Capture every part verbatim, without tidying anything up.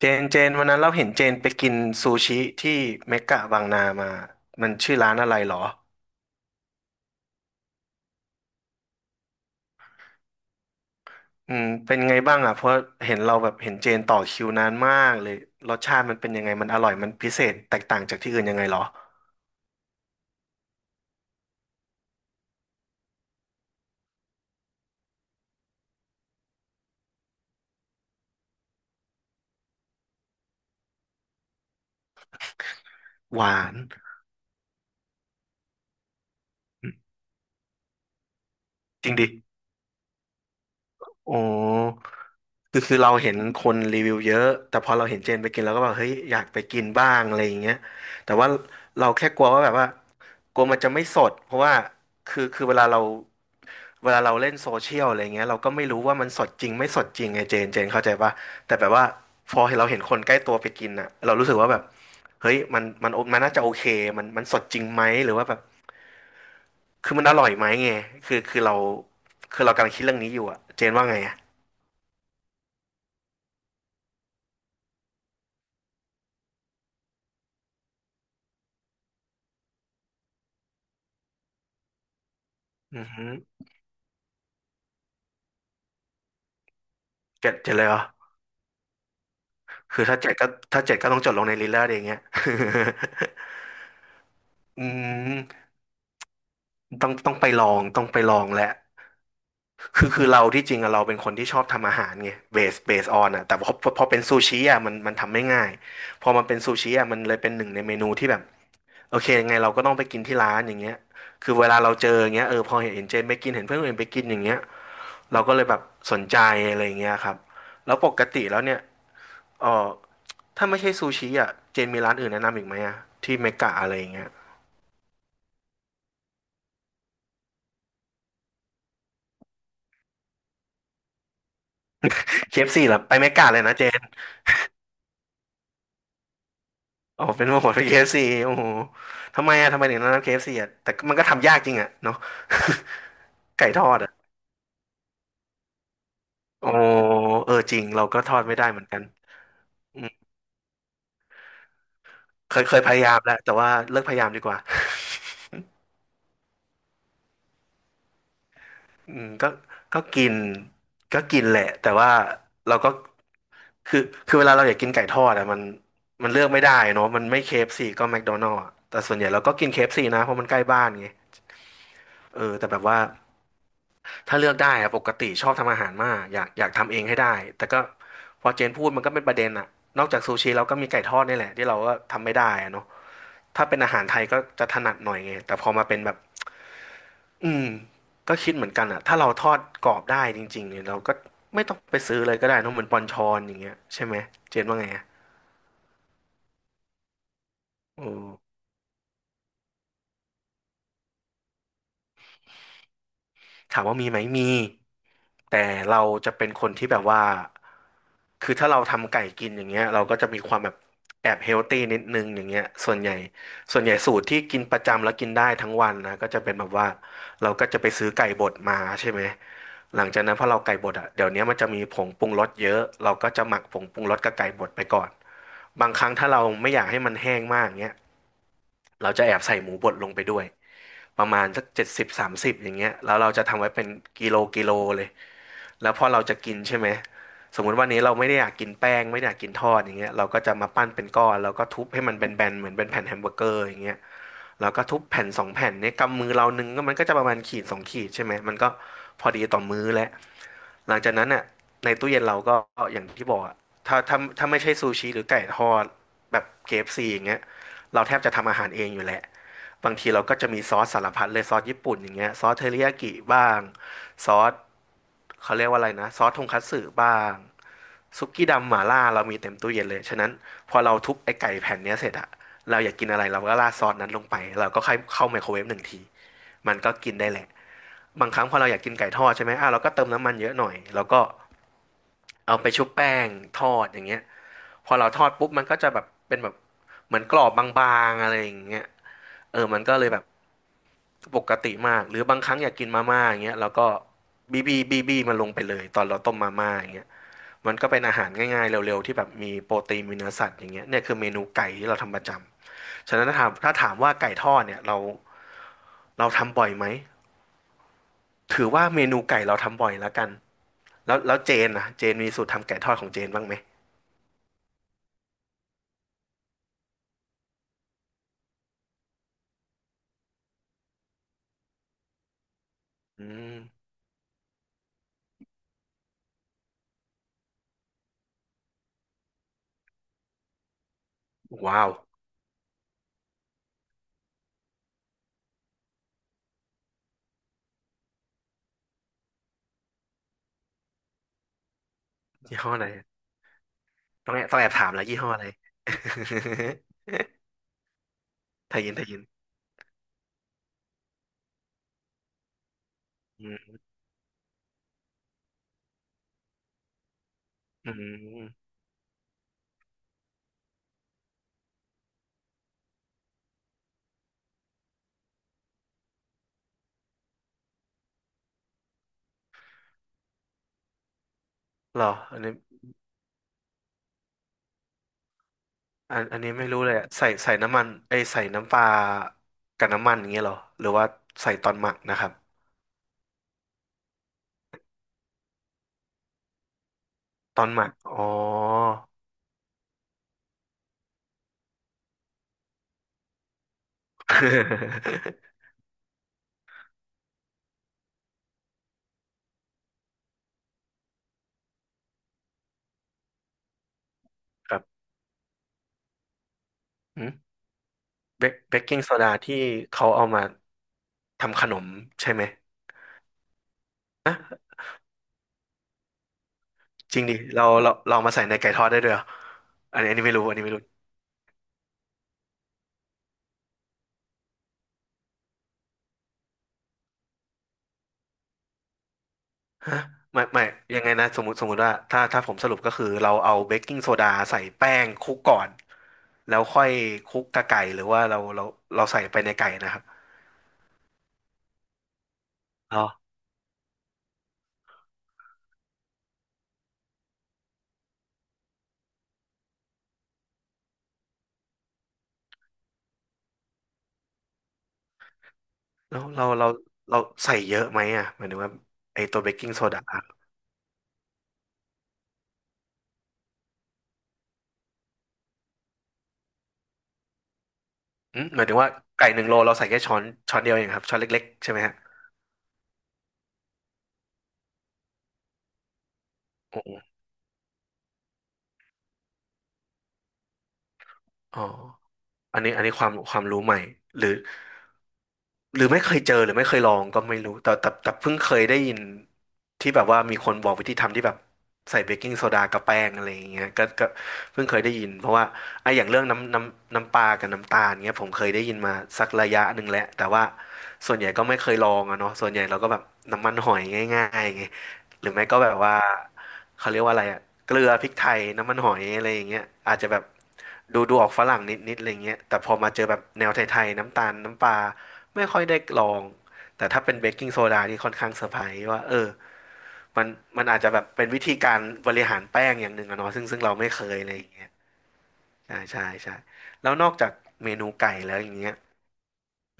เจนเจนวันนั้นเราเห็นเจนไปกินซูชิที่เมกะบางนามามันชื่อร้านอะไรหรออืมเป็นไงบ้างอ่ะเพราะเห็นเราแบบเห็นเจนต่อคิวนานมากเลยรสชาติมันเป็นยังไงมันอร่อยมันพิเศษแตกต่างจากที่อื่นยังไงหรอหวานจริงดิโอ้คือคือเราเห็นคนรีวิวเยอะแต่พอเราเห็นเจนไปกินเราก็แบบเฮ้ยอยากไปกินบ้างอะไรอย่างเงี้ยแต่ว่าเราแค่กลัวว่าแบบว่ากลัวมันจะไม่สดเพราะว่าคือคือเวลาเรา เวลาเราเล่นโซเชียลอะไรเงี้ยเราก็ไม่รู้ว่ามันสดจริงไม่สดจริงไงเจนเจนเข้าใจปะแต่แบบว่าพอเราเห็นคนใกล้ตัวไปกินอ่ะเรารู้สึกว่าแบบเฮ้ยมันมันมันน่าจะโอเคมันมันสดจริงไหมหรือว่าแบบคือมันอร่อยไหมไงคือคือเราคือเรากำลังคิดเรื่องนี้อยู่อ่ะเจนว่าไงอ่ะอือหือเจ็ดเจ็ดเลยเหรอคือถ้าเจ็ดก็ถ้าเจ็ดก็ต้องจดลงในลิลเลอร์เอย่างเงี้ย อืมต้องต้องไปลองต้องไปลองแหละ คือคือเราที่จริงอะเราเป็นคนที่ชอบทำอาหารไงเบสเบสออนอะแต่พอพอพอเป็นซูชิอะมันมันทำไม่ง่ายพอมันเป็นซูชิอะมันเลยเป็นหนึ่งในเมนูที่แบบโอเคยังไงเราก็ต้องไปกินที่ร้านอย่างเงี้ยคือเวลาเราเจออย่างเงี้ยเออพอเห็นเห็นเจนไปกินเห็นเพื่อนคนอื่นไปกินอย่างเงี้ยเราก็เลยแบบสนใจอะไรอย่างเงี้ยครับแล้วปกติแล้วเนี่ยเออถ้าไม่ใช่ซูชิอะเจนมีร้านอื่นแนะนำอีกไหมอะที่เมกะอะไรอย่างเงี้ยเคเอฟ f ีเหรอไปเมกะเลยนะเจน อ๋อเป็นโหมด k f ่โอ้โหทำไมอะทำไมถึงต้องรัำ เค เอฟ ซี อฟซีอะแต่มันก็ทำยากจริงอะ เนาะ ไก่ทอดอะโอ้เออจริงเราก็ทอดไม่ได้เหมือนกันอืมเคยเคยพยายามแล้วแต่ว่าเลิกพยายามดีกว่า อืมก็ก็กินก็กินแหละแต่ว่าเราก็คือคือเวลาเราอยากกินไก่ทอดอะมันมันเลือกไม่ได้เนาะมันไม่ เค เอฟ ซี ก็แมคโดนัล s อะแต่ส่วนใหญ่เราก็กิน เค เอฟ ซี นะเพราะมันใกล้บ้านไงเออแต่แบบว่า ถ้าเลือกได้อะปกติชอบทำอาหารมากอยากอยากทำเองให้ได้แต่ก็พอเจนพูดมันก็เป็นประเด็นอะนอกจากซูชิเราก็มีไก่ทอดนี่แหละที่เราก็ทำไม่ได้อะเนาะถ้าเป็นอาหารไทยก็จะถนัดหน่อยไงแต่พอมาเป็นแบบอืมก็คิดเหมือนกันอะถ้าเราทอดกรอบได้จริงๆเนี่ยเราก็ไม่ต้องไปซื้อเลยก็ได้เนอะเหมือนปอนชอนอย่างเงี้ยใช่ไหมเจนว่าไงอะโอ้ถามว่ามีไหมมีแต่เราจะเป็นคนที่แบบว่า คือถ้าเราทำไก่กินอย่างเงี้ยเราก็จะมีความแบบแอบเฮลตี้นิดนึงอย่างเงี้ยส่วนใหญ่ส่วนใหญ่สูตรที่กินประจำแล้วกินได้ทั้งวันนะก็จะเป็นแบบว่าเราก็จะไปซื้อไก่บดมาใช่ไหมหลังจากนั้นพอเราไก่บดอ่ะเดี๋ยวนี้มันจะมีผงปรุงรสเยอะเราก็จะหมักผงปรุงรสกับไก่บดไปก่อนบางครั้งถ้าเราไม่อยากให้มันแห้งมากเงี้ยเราจะแอบใส่หมูบดลงไปด้วยประมาณสักเจ็ดสิบสามสิบอย่างเงี้ยแล้วเราจะทำไว้เป็นกิโลกิโลเลย แล้วพอเราจะกินใช่ไหม สมมุติวันนี้เราไม่ได้อยากกินแป้งไม่ได้อยากกินทอดอย่างเงี้ยเราก็จะมาปั้นเป็นก้อนแล้วก็ทุบให้มันแบนๆเหมือนเป็นแผ่นแฮมเบอร์เกอร์อย่างเงี้ยแล้วก็ทุบแผ่นสองแผ่นเนี่ยกำมือเรานึงก็มันก็จะประมาณขีดสองขีดใช่ไหมมันก็พอดีต่อมื้อแล้วหลังจากนั้นอ่ะในตู้เย็นเราก็อย่างที่บอกอะถ้าถ้าถ้าไม่ใช่ซูชิหรือไก่ทอดแบบเคเอฟซีอย่างเงี้ยเราแทบจะทำอาหารเองอยู่แหละบางทีเราก็จะมีซอสสารพัดเลยซอสญี่ปุ่นอย่างเงี้ยซอสเทริยากิบ้างซอส เขาเรียกว่าอะไรนะซอสทงคัตสึบ้างซุกกี้ดำหม่าล่าเรามีเต็มตู้เย็นเลยฉะนั้นพอเราทุบไอ้ไก่แผ่นเนี้ยเสร็จอะเราอยากกินอะไรเราก็ราดซอสนั้นลงไปเราก็ค่อยเข้าไมโครเวฟหนึ่งทีมันก็กินได้แหละบางครั้งพอเราอยากกินไก่ทอดใช่ไหมอ่ะเราก็เติมน้ำมันเยอะหน่อยแล้วก็เอาไปชุบแป้งทอดอย่างเงี้ยพอเราทอดปุ๊บมันก็จะแบบเป็นแบบเหมือนกรอบบางๆอะไรอย่างเงี้ยเออมันก็เลยแบบปกติมากหรือบางครั้งอยากกินมาม่าอย่างเงี้ยแล้วก็บีบีบีบีมันลงไปเลยตอนเราต้มมาม่าอย่างเงี้ย มันก็เป็นอาหารง่ายๆเร็วๆที่แบบมีโปรตีนมีเนื้อสัตว์อย่างเงี้ยเนี่ยคือเมนูไก่ที่เราทำประจำฉะนั้นถ้าถามถ้าถามว่าไก่ทอดเนี่ยเราเราทำบ่อยไหมถือว่าเมนูไก่เราทำบ่อยแล้วกันแล้วแล้วเจนนะเจนมีสูตรทำไก่ทอดของเจนบ้างไหมอืมว้าวยี่ห้ออะไรต้องแอบต้องแอบถามแล้วยี่ห้ออะไร ทายินทายินอืมอืมเหรออันนี้อันอันนี้ไม่รู้เลยอะใส่ใส่น้ำมันไอยใส่น้ำปลากับน้ำมันอย่างเงี้ยเหรอหรือว่าใส่ตอนหมักนะครับ ตอนหมักอ๋อ ครับหืมเบกเบกกิ้งโซดาที่เขาเอามาทำขนมใช่ไหม จริงดิเราเราเรามาใส่ในไก่ทอดได้ด้วยเหรออันนี้อันนี้ไม่รู้อันนี้ไม่รู้ฮะไม่ไม่ ยังไงนะสมมติสมมติว่าถ้าถ้าผมสรุปก็คือเราเอาเบกกิ้งโซดาใส่แป้งคลุกก่อน แล้วค่อยคลุกกับไก่หรือว่าเราเราเราใส่ไปในไก่นะครับเราเราเราเราเราใส่เยอะไหมอ่ะหมายถึงว่าไอตัวเบกกิ้งโซดา อืมหมายถึงว่าไก่หนึ่งโลเราใส่แค่ช้อนช้อนเดียวเองครับช้อนเล็กๆใช่ไหมฮะโอ้อ๋ออันนี้อันนี้ความความรู้ใหม่หรือหรือไม่เคยเจอหรือไม่เคยลองก็ไม่รู้แต่แต่แต่เพิ่งเคยได้ยินที่แบบว่ามีคนบอกวิธีทำที่แบบใส่เบกกิ้งโซดากับแป้งอะไรอย่างเงี้ยก็ก็เพิ่งเคยได้ยินเพราะว่าไอ้อย่างเรื่องน้ำน้ำน้ำปลากับน้ำตาลเงี้ยผมเคยได้ยินมาสักระยะหนึ่งแล้วแต่ว่าส่วนใหญ่ก็ไม่เคยลองอะเนาะส่วนใหญ่เราก็แบบน้ำมันหอยง่ายๆไง หรือไม่ก็แบบว่าเขาเรียกว่าอะไรอะเกลือพริกไทยน้ำมันหอยอะไรอย่างเงี้ยอาจจะแบบดูดูออกฝรั่งนิดนิดอะไรเงี้ยแต่พอมาเจอแบบแนวไทยๆน้ำตาลน้ำปลาไม่ค่อยได้ลองแต่ถ้าเป็นเบกกิ้งโซดานี่ค่อนข้างเซอร์ไพรส์ว่าเออมันมันอาจจะแบบเป็นวิธีการบริหารแป้งอย่างหนึ่งอะเนาะซึ่งซึ่งเราไม่เคยอะไรอย่างเงี้ยใช่ใช่ใช่แล้วนอกจากเมนูไก่แล้วอย่างเงี้ย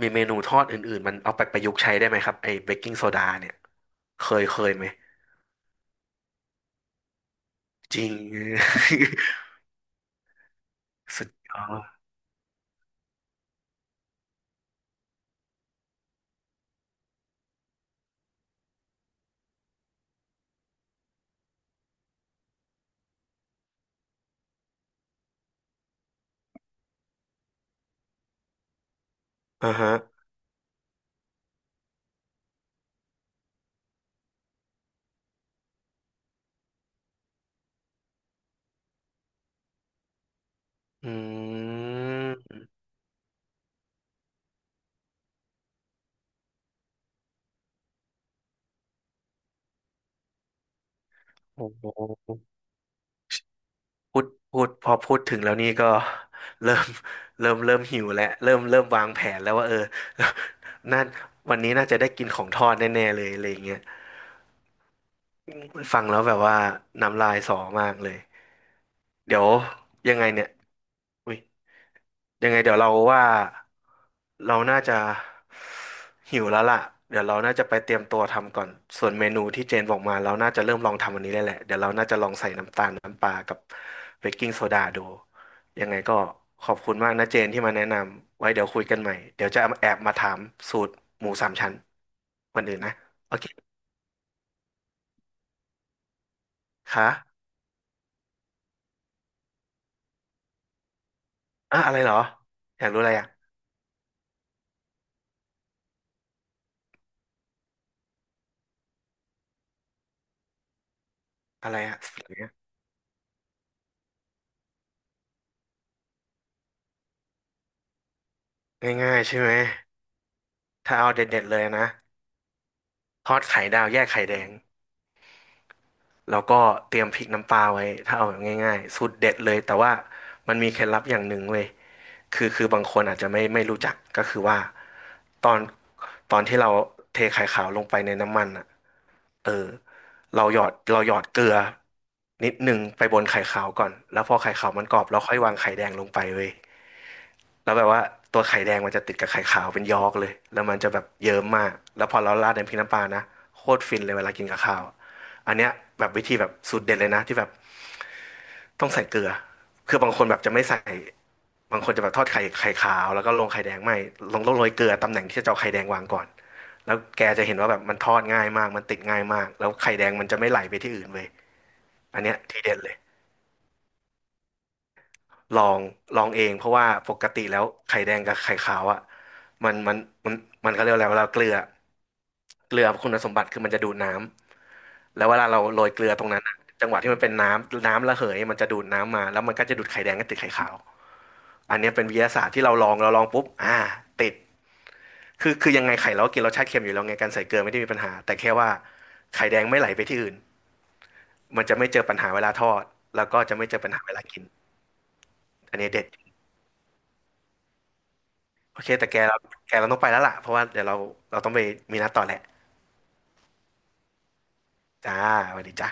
มีเมนูทอดอื่นๆมันเอาไปประยุกต์ใช้ได้ไหมครับไอ้เบกกิ้งโซดาเนี่ยเคยเคยไหมจริง สุดยอดอ่าฮะอืมโอ้โหพูดพูดพอพูดถึงแล้วนี่ก็เริ่ม เริ่มเริ่มหิวแล้วเริ่มเริ่มวางแผนแล้วว่าเออ นั่นวันนี้น่าจะได้กินของทอดแน่ๆเลยอะไรอย่างเงี้ยฟังแล้วแบบว่าน้ำลายสอมากเลยเดี๋ยวยังไงเนี่ย อุ้ยยังไงเดี๋ยวเราว่าเราน่าจะหิวแล้วล่ะเดี๋ยวเราน่าจะไปเตรียมตัวทำก่อนส่วนเมนูที่เจนบอกมาเราน่าจะเริ่มลองทำอันนี้ได้แหละเดี๋ยวเราน่าจะลองใส่น้ำตาลน้ำปลากับเบกกิ้งโซดาดูยังไงก็ขอบคุณมากนะเจนที่มาแนะนำไว้เดี๋ยวคุยกันใหม่เดี๋ยวจะแอบมาถามสูตรหมูสามชั้นวันอื่นนะโอเคค่ะอ่ะอะไรเหรออยากรู้อะไรอ่ะอะไรอ่ะสิ่งเนี้ยง่ายๆใช่ไหมถ้าเอาเด็ดๆเลยนะ ทอดไข่ดาวแยกไข่แดงแล้วก็เตรียมพริกน้ำปลาไว้ถ้าเอาแบบง่ายๆสูตรเด็ดเลยแต่ว่ามันมีเคล็ดลับอย่างหนึ่งเว้ยคือคือบางคนอาจจะไม่ไม่รู้จักก็คือว่าตอนตอนที่เราเทไข่ขาวลงไปในน้ำมันอ่ะเออเราหยอดเราหยอดเกลือนิดหนึ่งไปบนไข่ขาวก่อนแล้วพอไข่ขาวมันกรอบเราค่อยวางไข่แดงลงไปเว้ย แล้วแบบว่าตัวไข่แดงมันจะติดกับไข่ขาวเป็นยอกเลยแล้วมันจะแบบเยิ้มมากแล้วพอเราราดใน้ำพริกน้ำปลานะโคตรฟินเลยเวลากินกับข้าวอันเนี้ยแบบวิธีแบบสูตรเด็ดเลยนะที่แบบต้องใส่เกลือคือบางคนแบบจะไม่ใส่บางคนจะแบบทอดไข่ไข่ขาวแล้วก็ลงไข่แดงไม่ลงต้องโรยเกลือตำแหน่งที่จะเอาไข่แดงวางก่อนแล้วแกจะเห็นว่าแบบมันทอดง่ายมากมันติดง่ายมากแล้วไข่แดงมันจะไม่ไหลไปที่อื่นเว้ยอันเนี้ยทีเด็ดเลย ลองลองเองเพราะว่าปกติแล้วไข่แดงกับไข่ขาวอ่ะมันมันมันมันเขาเรียกอะไรเวลาเกลือเกลือคุณสมบัติคือมันจะดูดน้ำแล้วเวลาเราโรยเกลือตรงนั้นอะจังหวะที่มันเป็นน้ำน้ำระเหยมันจะดูดน้ำมาแล้วมันก็จะดูดไข่แดงกบติดไข่ขาวอันเนี้ยเป็นวิทยาศาสตร์ที่เราลองเราลองปุ๊บอ่าติดคือคือยังไงไข่เราก็กินรสชาติเค็มอยู่แล้วไงการใส่เกลือไม่ได้มีปัญหาแต่แค่ว่าไข่แดงไม่ไหลไปที่อื่นมันจะไม่เจอปัญหาเวลาทอดแล้วก็จะไม่เจอปัญหาเวลากินอันนี้เด็ด โอเคแต่แกเราแกเราต้องไปแล้วล่ะเพราะว่าเดี๋ยวเราเราต้องไปมีนัดต่อแหละจ้าสวัสดีจ้า